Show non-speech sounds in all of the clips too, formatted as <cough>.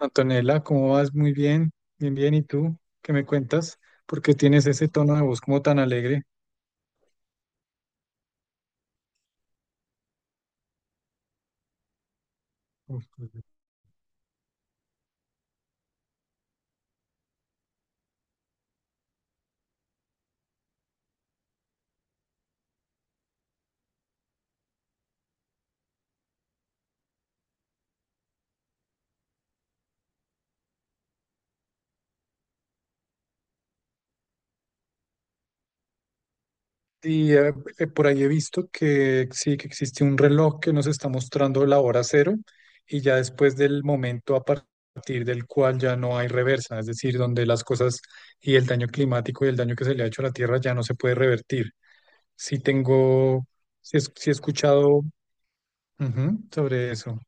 Antonella, ¿cómo vas? Muy bien, bien, bien. ¿Y tú? ¿Qué me cuentas? ¿Por qué tienes ese tono de voz como tan alegre? Uf, pues, Y eh, por ahí he visto que sí, que existe un reloj que nos está mostrando la hora cero y ya después del momento a partir del cual ya no hay reversa, es decir, donde las cosas y el daño climático y el daño que se le ha hecho a la Tierra ya no se puede revertir. Sí tengo, sí, sí he escuchado, ujú, sobre eso.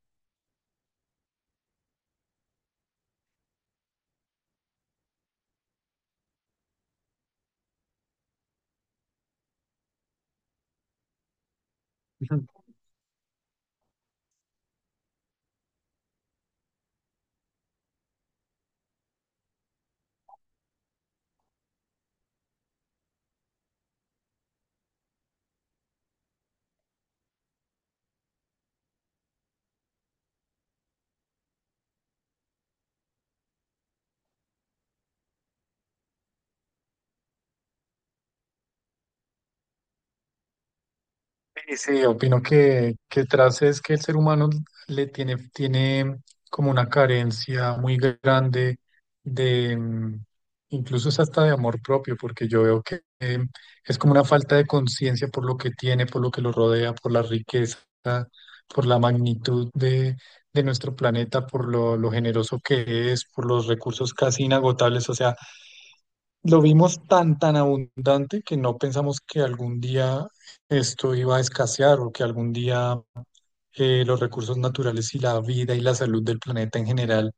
Sí, sí, opino que, tras es que el ser humano tiene como una carencia muy grande de incluso es hasta de amor propio, porque yo veo que es como una falta de conciencia por lo que tiene, por lo que lo rodea, por la riqueza, por la magnitud de nuestro planeta, por lo generoso que es, por los recursos casi inagotables. O sea, lo vimos tan, tan abundante que no pensamos que algún día esto iba a escasear o que algún día los recursos naturales y la vida y la salud del planeta en general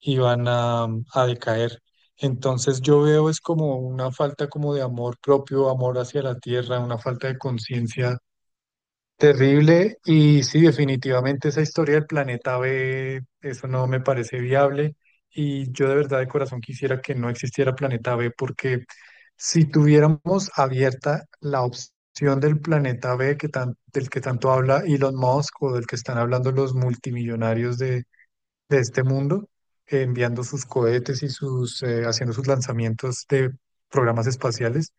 iban a decaer. Entonces yo veo es como una falta como de amor propio, amor hacia la tierra, una falta de conciencia terrible. Y sí, definitivamente esa historia del planeta B, eso no me parece viable, y yo de verdad de corazón quisiera que no existiera planeta B, porque si tuviéramos abierta la opción del planeta B, del que tanto habla Elon Musk o del que están hablando los multimillonarios de este mundo, enviando sus cohetes y sus, haciendo sus lanzamientos de programas espaciales,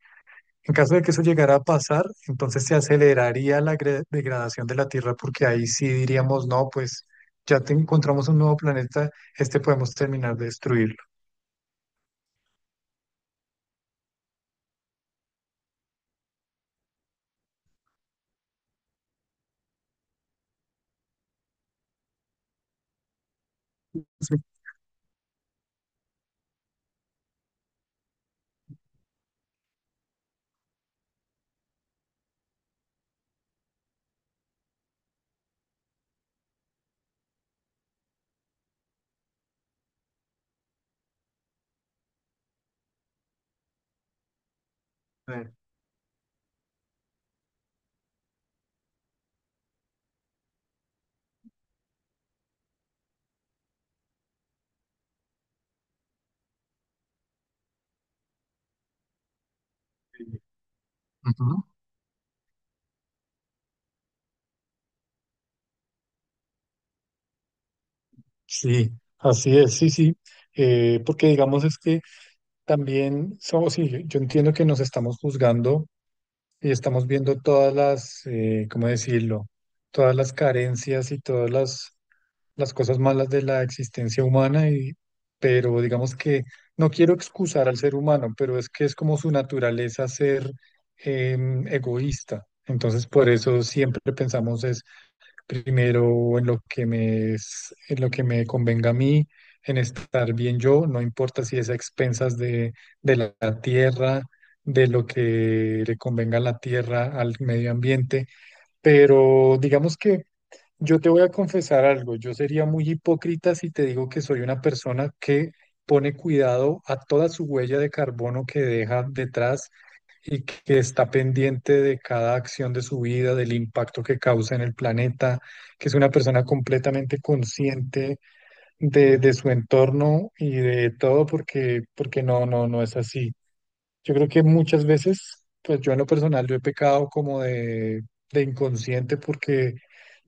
en caso de que eso llegara a pasar, entonces se aceleraría la degradación de la Tierra, porque ahí sí diríamos, no, pues ya te encontramos un nuevo planeta, este podemos terminar de destruirlo. Eh, sí. Ujú. Sí, así es, sí, sí, porque digamos es que también somos, sí, yo entiendo que nos estamos juzgando y estamos viendo todas las, ¿cómo decirlo? Todas las carencias y todas las cosas malas de la existencia humana, y, pero digamos que no quiero excusar al ser humano, pero es que es como su naturaleza ser egoísta. Entonces, por eso siempre pensamos es primero en lo que en lo que me convenga a mí, en estar bien yo, no importa si es a expensas de la tierra, de lo que le convenga a la tierra, al medio ambiente, pero digamos que yo te voy a confesar algo, yo sería muy hipócrita si te digo que soy una persona que pone cuidado a toda su huella de carbono que deja detrás y que está pendiente de cada acción de su vida, del impacto que causa en el planeta, que es una persona completamente consciente de su entorno y de todo, porque, porque no, no, no es así. Yo creo que muchas veces, pues yo en lo personal, yo he pecado como de inconsciente, porque,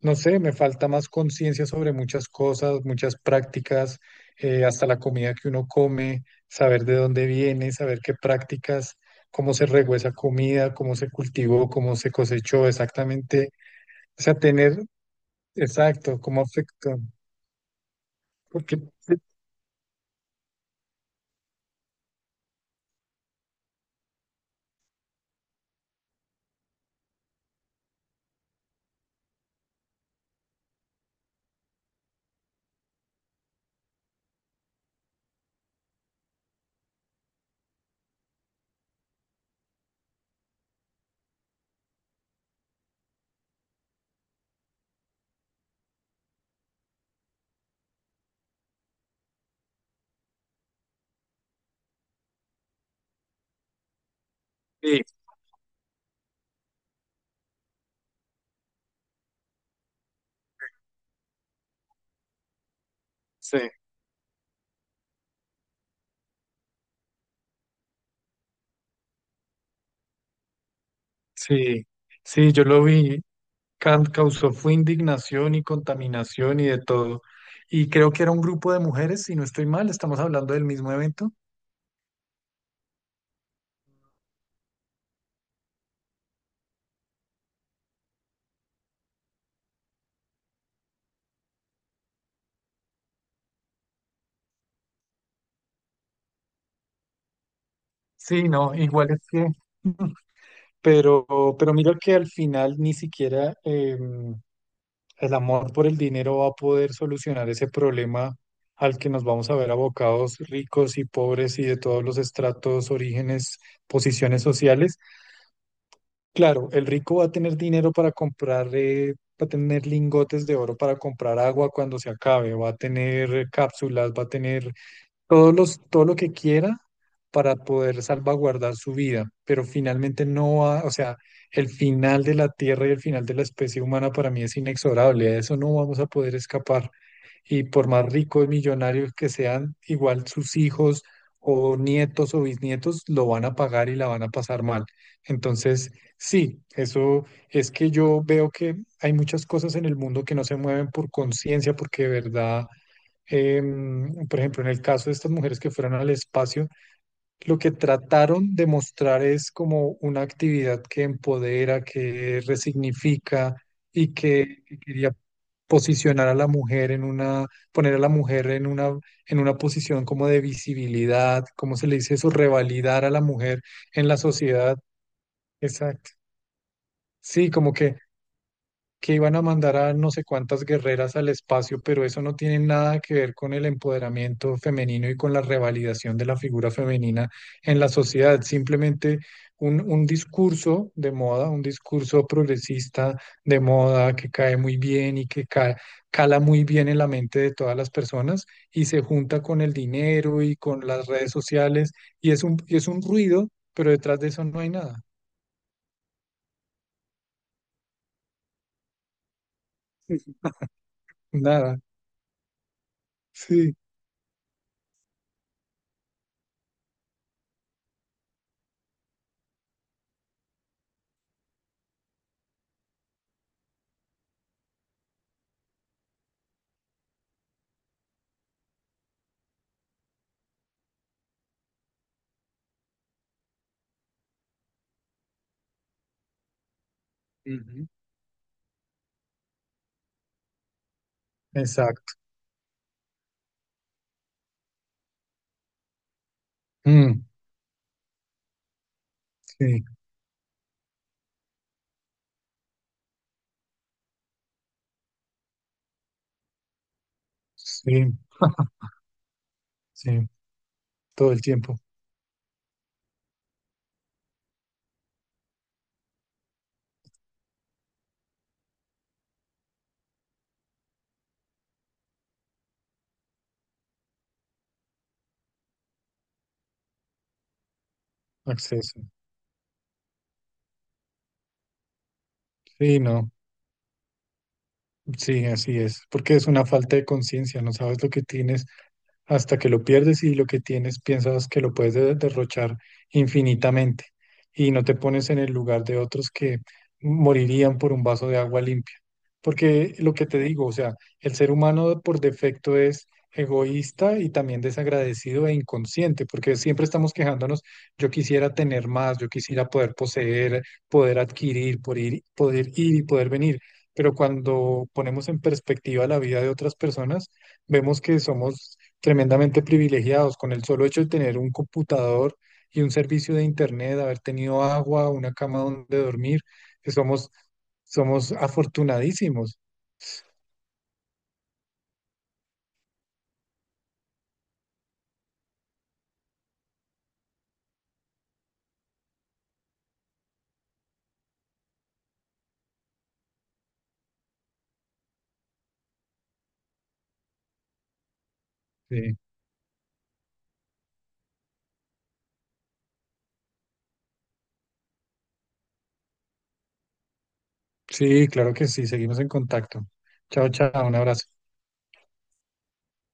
no sé, me falta más conciencia sobre muchas cosas, muchas prácticas, hasta la comida que uno come, saber de dónde viene, saber qué prácticas, cómo se regó esa comida, cómo se cultivó, cómo se cosechó exactamente. O sea, tener, exacto, cómo afectó. Porque, sí, sí, sí, sí, yo lo vi. Kant causó fue indignación y contaminación y de todo. Y creo que era un grupo de mujeres, si no estoy mal, estamos hablando del mismo evento. Sí, no, igual es que, pero, pero mira que al final ni siquiera el amor por el dinero va a poder solucionar ese problema al que nos vamos a ver abocados ricos y pobres y de todos los estratos, orígenes, posiciones sociales. Claro, el rico va a tener dinero para comprar, va a tener lingotes de oro para comprar agua cuando se acabe, va a tener cápsulas, va a tener todo lo que quiera para poder salvaguardar su vida, pero finalmente no va, o sea, el final de la Tierra y el final de la especie humana para mí es inexorable, a eso no vamos a poder escapar. Y por más ricos, millonarios que sean, igual sus hijos o nietos o bisnietos lo van a pagar y la van a pasar mal. Entonces, sí, eso es que yo veo que hay muchas cosas en el mundo que no se mueven por conciencia, porque de verdad por ejemplo, en el caso de estas mujeres que fueron al espacio, lo que trataron de mostrar es como una actividad que empodera, que resignifica y que quería posicionar a la mujer en una, poner a la mujer en una posición como de visibilidad, ¿cómo se le dice eso? Revalidar a la mujer en la sociedad. Exacto. Sí, como que iban a mandar a no sé cuántas guerreras al espacio, pero eso no tiene nada que ver con el empoderamiento femenino y con la revalidación de la figura femenina en la sociedad. Simplemente un discurso de moda, un discurso progresista de moda que cae muy bien y que cala muy bien en la mente de todas las personas y se junta con el dinero y con las redes sociales y es un ruido, pero detrás de eso no hay nada, nada. Sí, ujú. Exacto. Mm. Sí, sí, <laughs> sí, todo el tiempo, acceso. Sí, no, sí, así es, porque es una falta de conciencia, no sabes lo que tienes hasta que lo pierdes, y lo que tienes piensas que lo puedes derrochar infinitamente y no te pones en el lugar de otros que morirían por un vaso de agua limpia. Porque lo que te digo, o sea, el ser humano por defecto es egoísta y también desagradecido e inconsciente, porque siempre estamos quejándonos, yo quisiera tener más, yo quisiera poder poseer, poder adquirir, poder ir y poder venir, pero cuando ponemos en perspectiva la vida de otras personas, vemos que somos tremendamente privilegiados con el solo hecho de tener un computador y un servicio de internet, haber tenido agua, una cama donde dormir, que somos, somos afortunadísimos. Sí, sí, claro que sí, seguimos en contacto. Chao, chao, un abrazo.